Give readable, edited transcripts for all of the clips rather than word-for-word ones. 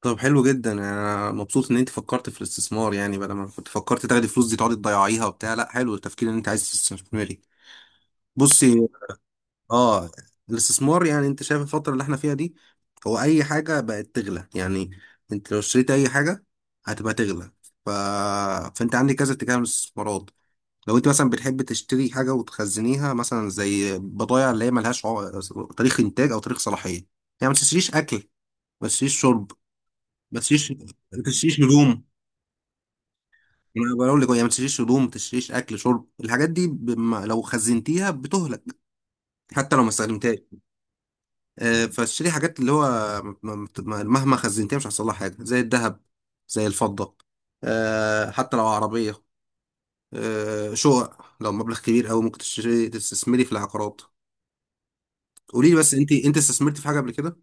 طب حلو جدا، يعني انا مبسوط ان انت فكرت في الاستثمار. يعني بدل ما كنت فكرت تاخدي فلوس دي تقعدي تضيعيها وبتاع، لا، حلو التفكير ان انت عايز تستثمري. بصي. اه الاستثمار، يعني انت شايف الفتره اللي احنا فيها دي، هو اي حاجه بقت تغلى يعني. انت لو اشتريت اي حاجه هتبقى تغلى. ف... فانت عندك كذا اتجاه من الاستثمارات. لو انت مثلا بتحب تشتري حاجه وتخزنيها، مثلا زي بضايع اللي هي ملهاش تاريخ انتاج او تاريخ صلاحيه يعني. ما تشتريش اكل، ما تشتريش شرب، ما تشتريش ما تشتريش هدوم. انا بقول لك هي ما تشتريش هدوم، ما تشتريش اكل شرب. الحاجات دي لو خزنتيها بتهلك حتى لو ما استخدمتهاش. آه، فاشتري حاجات اللي هو م- مهما خزنتيها مش هيحصل لها حاجه، زي الذهب، زي الفضه، آه، حتى لو عربيه، آه، شقق. لو مبلغ كبير قوي ممكن تشتري تستثمري في العقارات. قولي لي بس، انت استثمرتي في حاجه قبل كده؟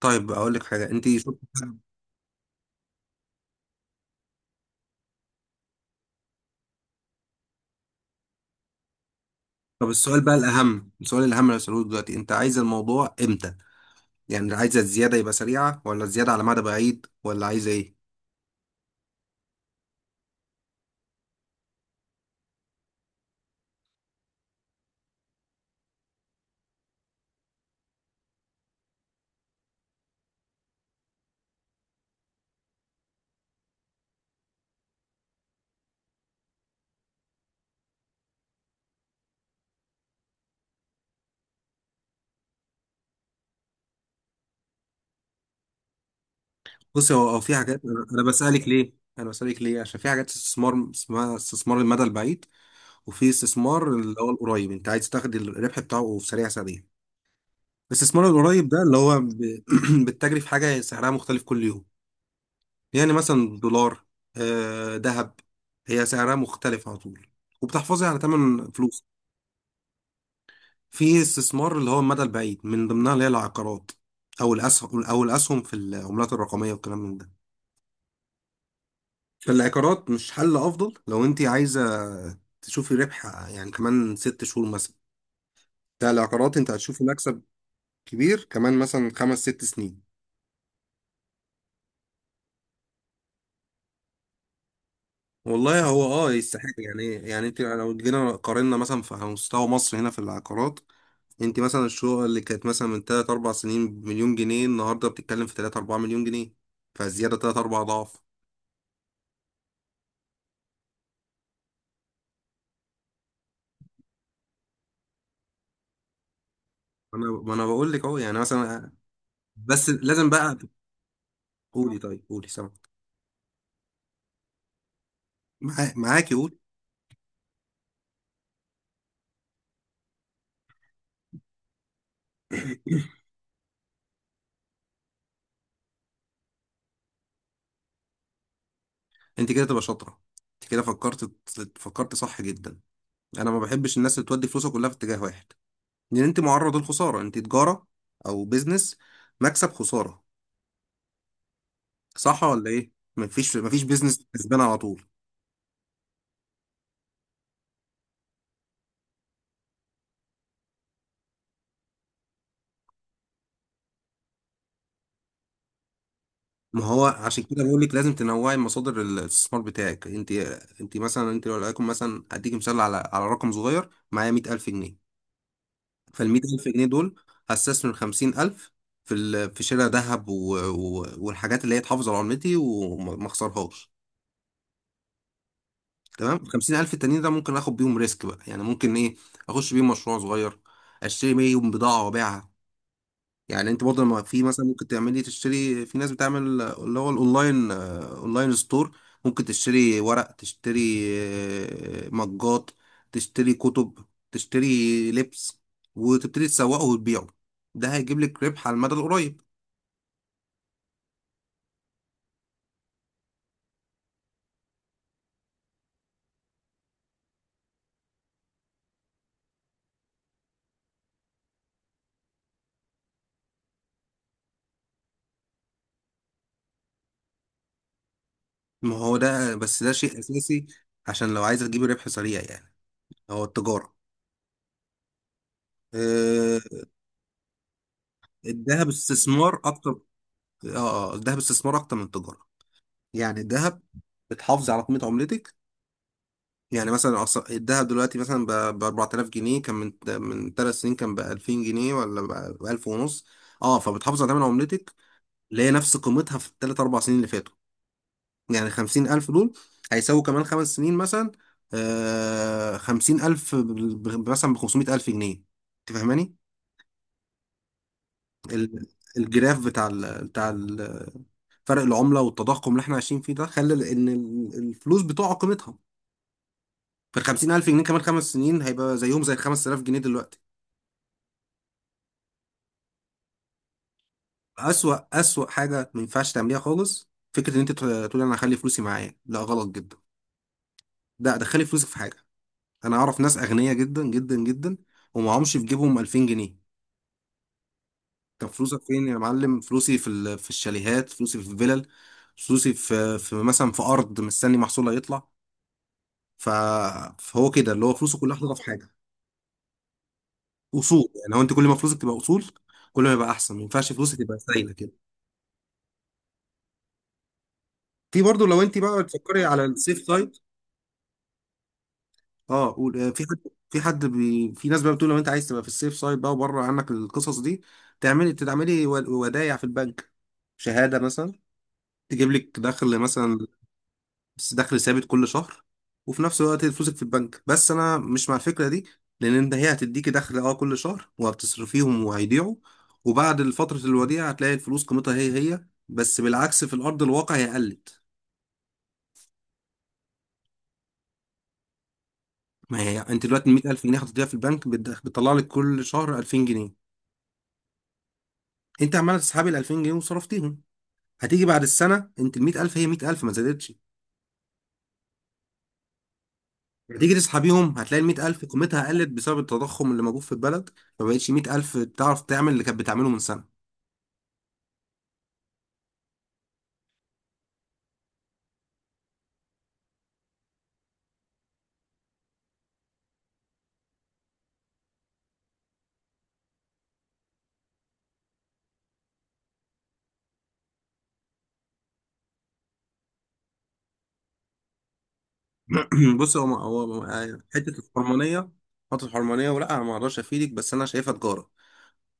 طيب اقول لك حاجه، طب السؤال بقى الاهم، السؤال الاهم اللي هسألهولك دلوقتي، انت عايزه الموضوع امتى؟ يعني عايزة الزيادة يبقى سريعة، ولا الزيادة على مدى بعيد، ولا عايزة ايه؟ بص. هو في حاجات. انا بسألك ليه؟ عشان في حاجات استثمار اسمها استثمار المدى البعيد، وفي استثمار اللي هو القريب انت عايز تاخد الربح بتاعه في سريع سريع. الاستثمار القريب ده اللي هو بتجري في حاجة سعرها مختلف كل يوم، يعني مثلا دولار، آه، ذهب. هي سعرها مختلف على طول، وبتحفظي على ثمن فلوس. في استثمار اللي هو المدى البعيد، من ضمنها اللي هي العقارات، او الاسهم، او الاسهم في العملات الرقميه والكلام من ده. فالعقارات مش حل افضل لو انت عايزه تشوفي ربح يعني كمان 6 شهور مثلا، بتاع العقارات انت هتشوفي مكسب كبير كمان مثلا 5 6 سنين. والله هو اه يستحق يعني. يعني انت لو جينا قارنا مثلا في على مستوى مصر هنا في العقارات، انت مثلا الشقه اللي كانت مثلا من 3 4 سنين بمليون جنيه، النهارده بتتكلم في 3 4 مليون جنيه. فزياده 3 4 ضعف. انا ما انا بقول لك اهو يعني مثلا. بس لازم بقى. قولي، طيب قولي، سامع، معاك، معاكي، قولي. انت كده تبقى شاطره، انت كده فكرت، فكرت صح جدا. انا ما بحبش الناس اللي تودي فلوسها كلها في اتجاه واحد، لان انت معرض للخساره. انت تجاره او بيزنس، مكسب خساره، صح ولا ايه؟ مفيش بيزنس كسبان على طول. ما هو عشان كده بقول لك لازم تنوعي مصادر الاستثمار بتاعك انت. انت مثلا، انت لو لقيتكم مثلا، اديك مثال على على رقم صغير، معايا 100,000 جنيه. فال 100,000 جنيه دول هستثمر 50,000 في شراء ذهب والحاجات اللي هي تحافظ على عملتي وما ما اخسرهاش. تمام. ال 50,000 التانيين ده ممكن اخد بيهم ريسك بقى. يعني ممكن ايه، اخش بيهم مشروع صغير، اشتري بيهم بضاعة وابيعها. يعني انت برضه لما في مثلا ممكن تعملي تشتري في ناس بتعمل اللي هو الاونلاين، آه، اونلاين ستور. ممكن تشتري ورق، تشتري، آه، مجات، تشتري كتب، تشتري لبس، وتبتدي تسوقه وتبيعه. ده هيجيب لك ربح على المدى القريب. ما هو ده بس، ده شيء اساسي. عشان لو عايزه تجيبي ربح سريع يعني، هو التجاره. آه، الذهب استثمار اكتر. اه آه، الذهب استثمار اكتر من التجاره. يعني الذهب بتحافظي على قيمه عملتك. يعني مثلا الدهب دلوقتي مثلا ب 4,000 جنيه، كان من 3 سنين كان ب 2,000 جنيه، ولا ب 1,000 ونص. اه، فبتحافظ على تمن عملتك اللي هي نفس قيمتها في ال 3 4 سنين اللي فاتوا. يعني 50,000 دول هيساووا كمان 5 سنين مثلا، آه 50,000 مثلا ب 500,000 جنيه. انت فاهماني؟ ال- الجراف بتاع ال فرق العملة والتضخم اللي احنا عايشين فيه ده خلى ان الفلوس بتقع قيمتها. فال 50,000 جنيه كمان 5 سنين هيبقى زيهم زي ال 5,000 جنيه دلوقتي. أسوأ حاجة ما ينفعش تعمليها خالص فكرة إن أنت تقول أنا هخلي فلوسي معايا. لا، غلط جدا. لا، دخلي فلوسك في حاجة. أنا أعرف ناس أغنياء جدا جدا جدا ومعهمش في جيبهم 2,000 جنيه. طب فلوسك فين يا معلم؟ فلوسي في الشاليهات، فلوسي في الفلل، فلوسي في مثلا في أرض مستني محصولها يطلع. ف... فهو كده اللي هو فلوسه كلها حاططها في حاجة، أصول. يعني هو، أنت كل ما فلوسك تبقى أصول كل ما يبقى أحسن. ما ينفعش فلوسك تبقى سايلة كده. في برضه لو أنت بقى بتفكري على السيف سايد. اه قول، آه، في حد، في حد في ناس بقى بتقول لو انت عايز تبقى في السيف سايد بقى وبره عنك القصص دي، تتعملي ودايع في البنك، شهادة مثلا، تجيب لك دخل مثلا، بس دخل ثابت كل شهر، وفي نفس الوقت فلوسك في البنك. بس انا مش مع الفكرة دي، لان انت، هي هتديكي دخل اه كل شهر وهتصرفيهم وهيضيعوا. وبعد فترة الوديعة هتلاقي الفلوس قيمتها هي هي، بس بالعكس في الارض الواقع هي قلت. ما هي انت دلوقتي 100,000 جنيه هتديها في البنك بتطلع لك كل شهر 2,000 جنيه. انت عماله تسحبي ال 2,000 جنيه وصرفتيهم. هتيجي بعد السنه انت ال 100,000 هي 100,000 ما زادتش. هتيجي تسحبيهم هتلاقي ال 100,000 قيمتها قلت بسبب التضخم اللي موجود في البلد. ما بقتش 100,000 تعرف تعمل اللي كانت بتعمله من سنه. بص. هو حته الحرمانيه، ولا انا ما اقدرش افيدك، بس انا شايفها تجاره.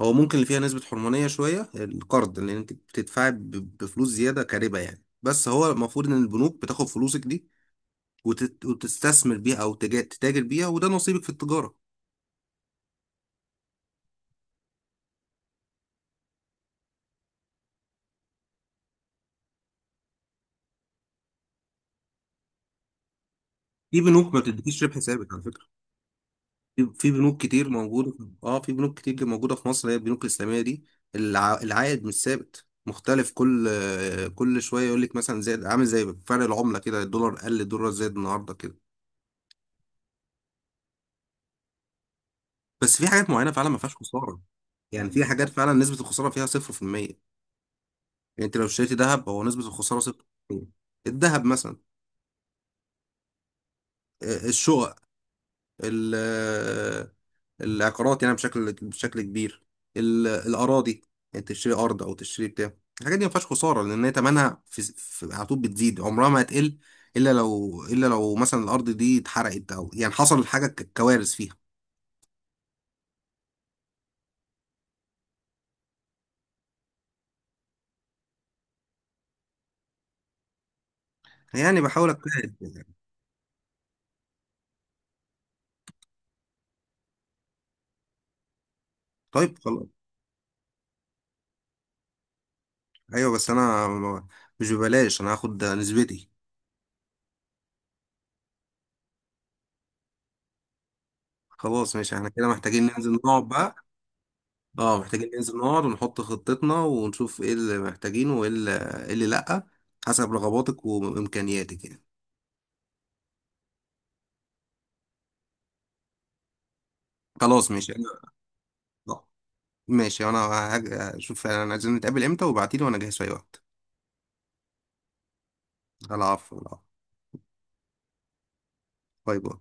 هو ممكن اللي فيها نسبه حرمانيه شويه القرض، لان انت بتدفعي بفلوس زياده كربا يعني. بس هو المفروض ان البنوك بتاخد فلوسك دي وتستثمر بيها، او تتاجر بيها، وده نصيبك في التجاره. في بنوك ما بتديكيش ربح ثابت على فكره. في بنوك كتير موجوده في بنوك كتير موجوده في مصر، هي البنوك الاسلاميه دي. العائد مش ثابت، مختلف كل آه، كل شويه، يقول لك مثلا زي عامل زي فرق العمله كده، الدولار قل، الدولار زاد النهارده كده. بس في حاجات معينه فعلا ما فيهاش خساره. يعني في حاجات فعلا نسبه الخساره فيها 0%. يعني انت لو اشتريتي ذهب هو نسبه الخساره 0%. الذهب مثلا، آه، الشقق، العقارات يعني بشكل كبير، الأراضي. يعني تشتري أرض أو تشتري بتاع. الحاجات دي ما فيهاش خسارة لأن هي تمنها في على طول بتزيد، عمرها ما هتقل. إلا لو مثلا الأرض دي اتحرقت أو يعني حصل حاجة كوارث فيها. يعني بحاول أجتهد يعني. طيب خلاص. أيوه بس أنا مش ببلاش، أنا هاخد نسبتي. خلاص ماشي، احنا كده محتاجين ننزل نقعد بقى. اه محتاجين ننزل نقعد ونحط خطتنا ونشوف ايه اللي محتاجينه وايه اللي، إيه اللي لأ، حسب رغباتك وإمكانياتك يعني. خلاص ماشي. آه، ماشي انا. اشوف انا عايزين نتقابل امتى وابعتيلي وانا جاهز في اي وقت. العفو العفو. باي باي.